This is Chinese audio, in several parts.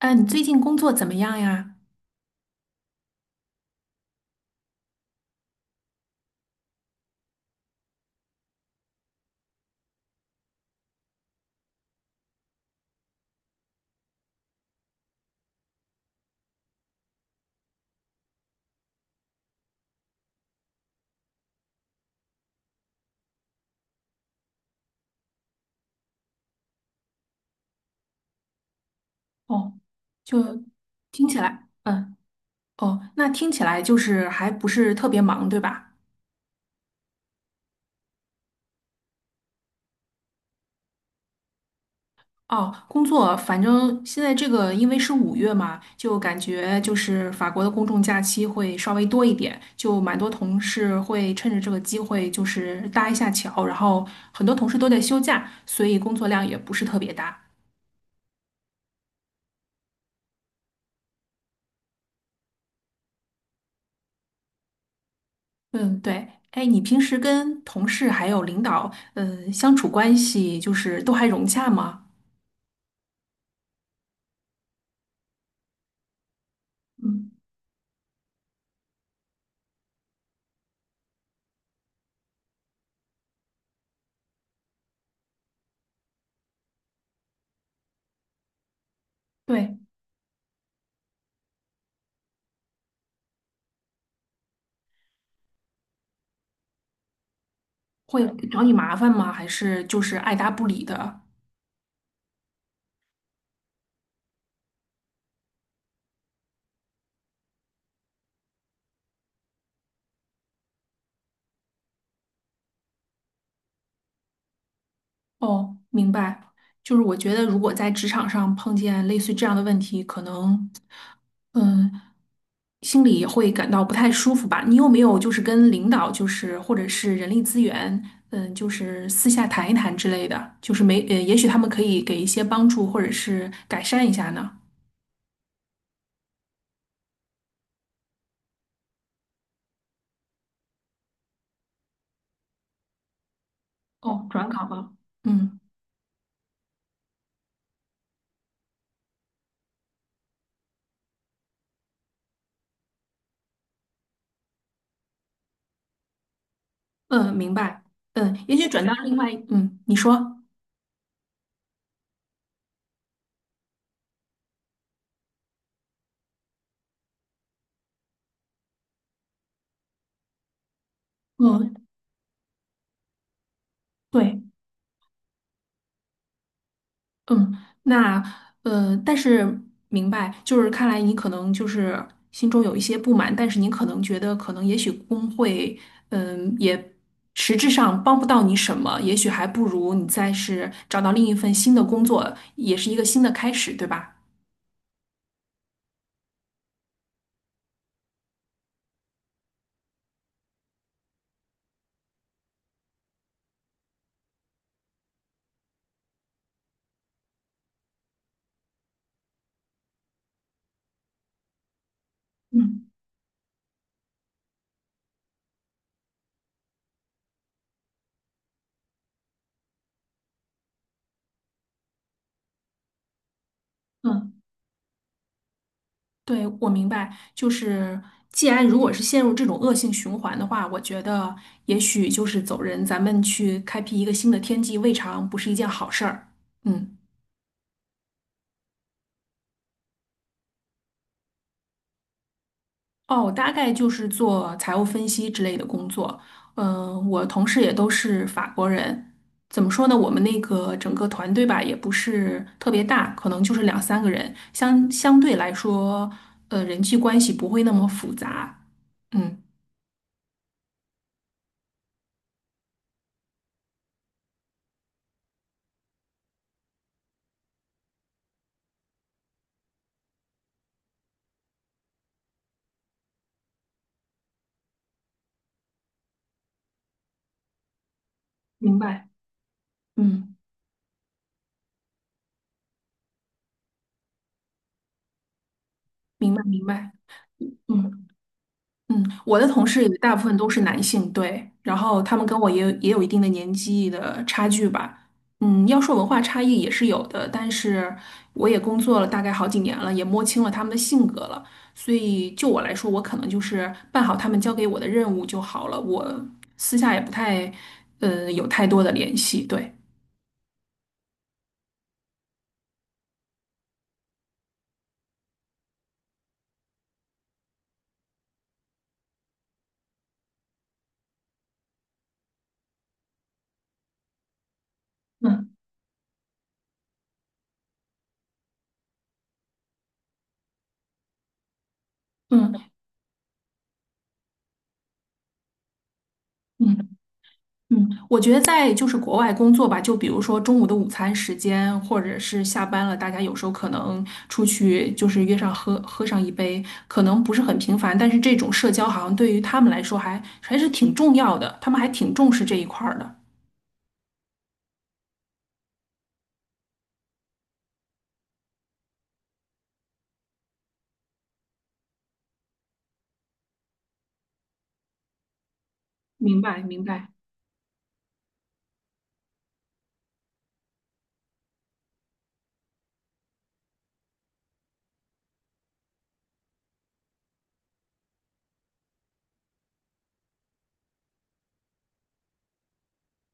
哎，你最近工作怎么样呀？哦，就听起来，哦，那听起来就是还不是特别忙，对吧？哦，工作，反正现在这个因为是五月嘛，就感觉就是法国的公众假期会稍微多一点，就蛮多同事会趁着这个机会就是搭一下桥，然后很多同事都在休假，所以工作量也不是特别大。嗯，对。哎，你平时跟同事还有领导，相处关系就是都还融洽吗？嗯，对，会找你麻烦吗？还是就是爱答不理的？哦，明白。就是我觉得，如果在职场上碰见类似这样的问题，可能，嗯，心里也会感到不太舒服吧。你有没有就是跟领导，就是或者是人力资源，就是私下谈一谈之类的？就是没，也许他们可以给一些帮助，或者是改善一下呢？哦，转岗了。嗯。嗯，明白。嗯，也许转到另外，嗯，你说。嗯，对，嗯，那但是明白，就是看来你可能就是心中有一些不满，但是你可能觉得，可能也许工会，也实质上帮不到你什么，也许还不如你再是找到另一份新的工作，也是一个新的开始，对吧？嗯。嗯，对，我明白，就是既然如果是陷入这种恶性循环的话，我觉得也许就是走人，咱们去开辟一个新的天际，未尝不是一件好事儿。嗯。哦，大概就是做财务分析之类的工作。嗯、我同事也都是法国人。怎么说呢？我们那个整个团队吧，也不是特别大，可能就是两三个人，相对来说，人际关系不会那么复杂。嗯，明白。嗯，明白，明白。嗯。嗯，我的同事也大部分都是男性，对，然后他们跟我也有一定的年纪的差距吧。嗯，要说文化差异也是有的，但是我也工作了大概好几年了，也摸清了他们的性格了，所以就我来说，我可能就是办好他们交给我的任务就好了，我私下也不太，有太多的联系，对。嗯嗯。嗯。嗯，我觉得在就是国外工作吧，就比如说中午的午餐时间，或者是下班了，大家有时候可能出去就是约上喝上一杯，可能不是很频繁，但是这种社交好像对于他们来说还是挺重要的，他们还挺重视这一块儿的。明白，明白。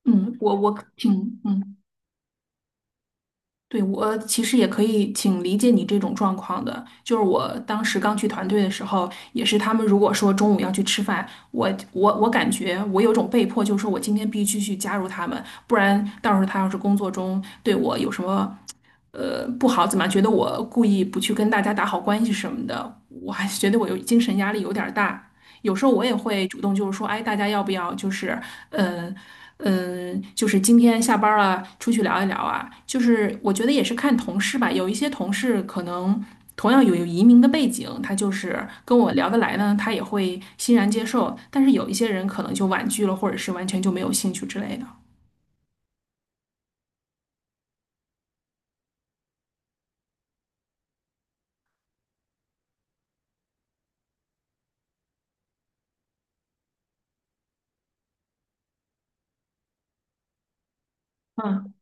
嗯，我我挺嗯。对，我其实也可以挺理解你这种状况的，就是我当时刚去团队的时候，也是他们如果说中午要去吃饭，我感觉我有种被迫，就是说我今天必须去加入他们，不然到时候他要是工作中对我有什么不好，怎么觉得我故意不去跟大家打好关系什么的，我还是觉得我有精神压力有点儿大。有时候我也会主动就是说，哎，大家要不要就是，嗯。嗯，就是今天下班儿了，出去聊一聊啊。就是我觉得也是看同事吧，有一些同事可能同样有移民的背景，他就是跟我聊得来呢，他也会欣然接受。但是有一些人可能就婉拒了，或者是完全就没有兴趣之类的。嗯。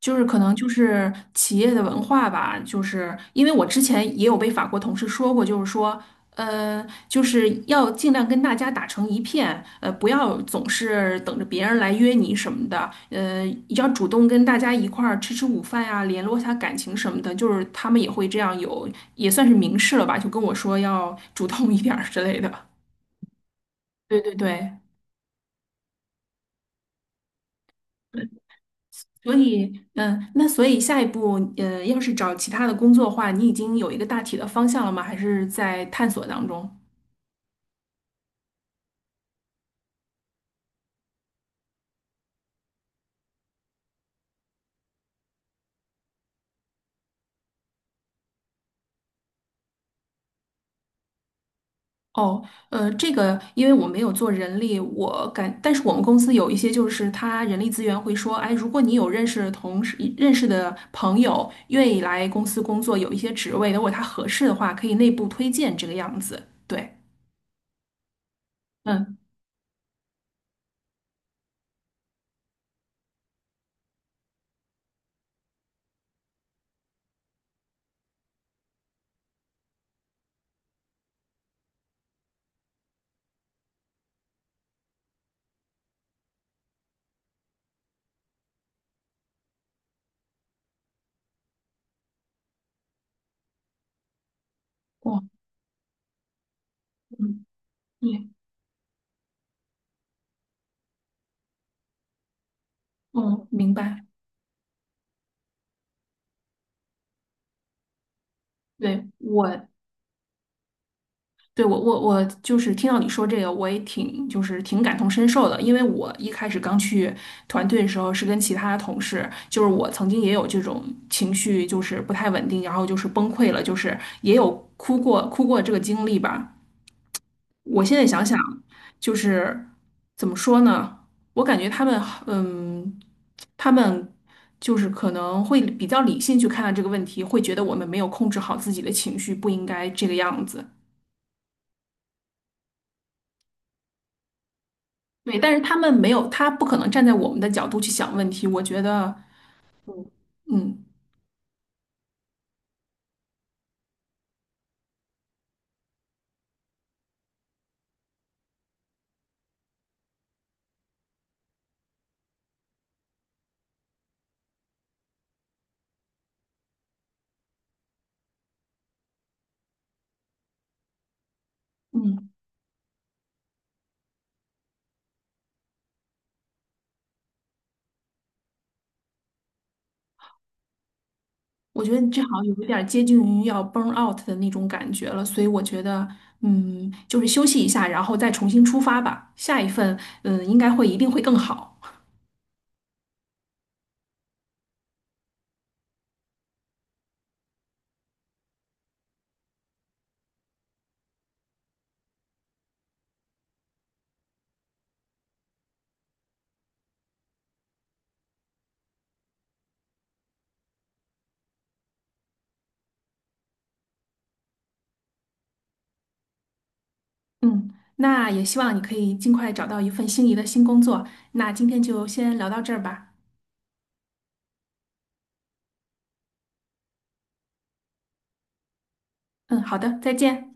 就是可能就是企业的文化吧，就是因为我之前也有被法国同事说过，就是说，就是要尽量跟大家打成一片，不要总是等着别人来约你什么的，要主动跟大家一块儿吃午饭呀、联络一下感情什么的，就是他们也会这样有，也算是明示了吧，就跟我说要主动一点儿之类的。对对对。所以，嗯，那所以下一步，要是找其他的工作的话，你已经有一个大体的方向了吗？还是在探索当中？哦，这个因为我没有做人力，我感，但是我们公司有一些就是他人力资源会说，哎，如果你有认识的同事、认识的朋友愿意来公司工作，有一些职位，如果他合适的话，可以内部推荐这个样子。对，嗯，哦，嗯，对，嗯，明白。对，我，对，我就是听到你说这个，我也挺就是挺感同身受的，因为我一开始刚去团队的时候是跟其他同事，就是我曾经也有这种情绪，就是不太稳定，然后就是崩溃了，就是也有哭过这个经历吧。我现在想想，就是怎么说呢？我感觉他们，嗯，他们就是可能会比较理性去看待这个问题，会觉得我们没有控制好自己的情绪，不应该这个样子。对，但是他们没有，他不可能站在我们的角度去想问题。我觉得，嗯。嗯，我觉得你这好像有一点儿接近于要 burn out 的那种感觉了，所以我觉得，嗯，就是休息一下，然后再重新出发吧。下一份，嗯，应该会一定会更好。嗯，那也希望你可以尽快找到一份心仪的新工作。那今天就先聊到这儿吧。嗯，好的，再见。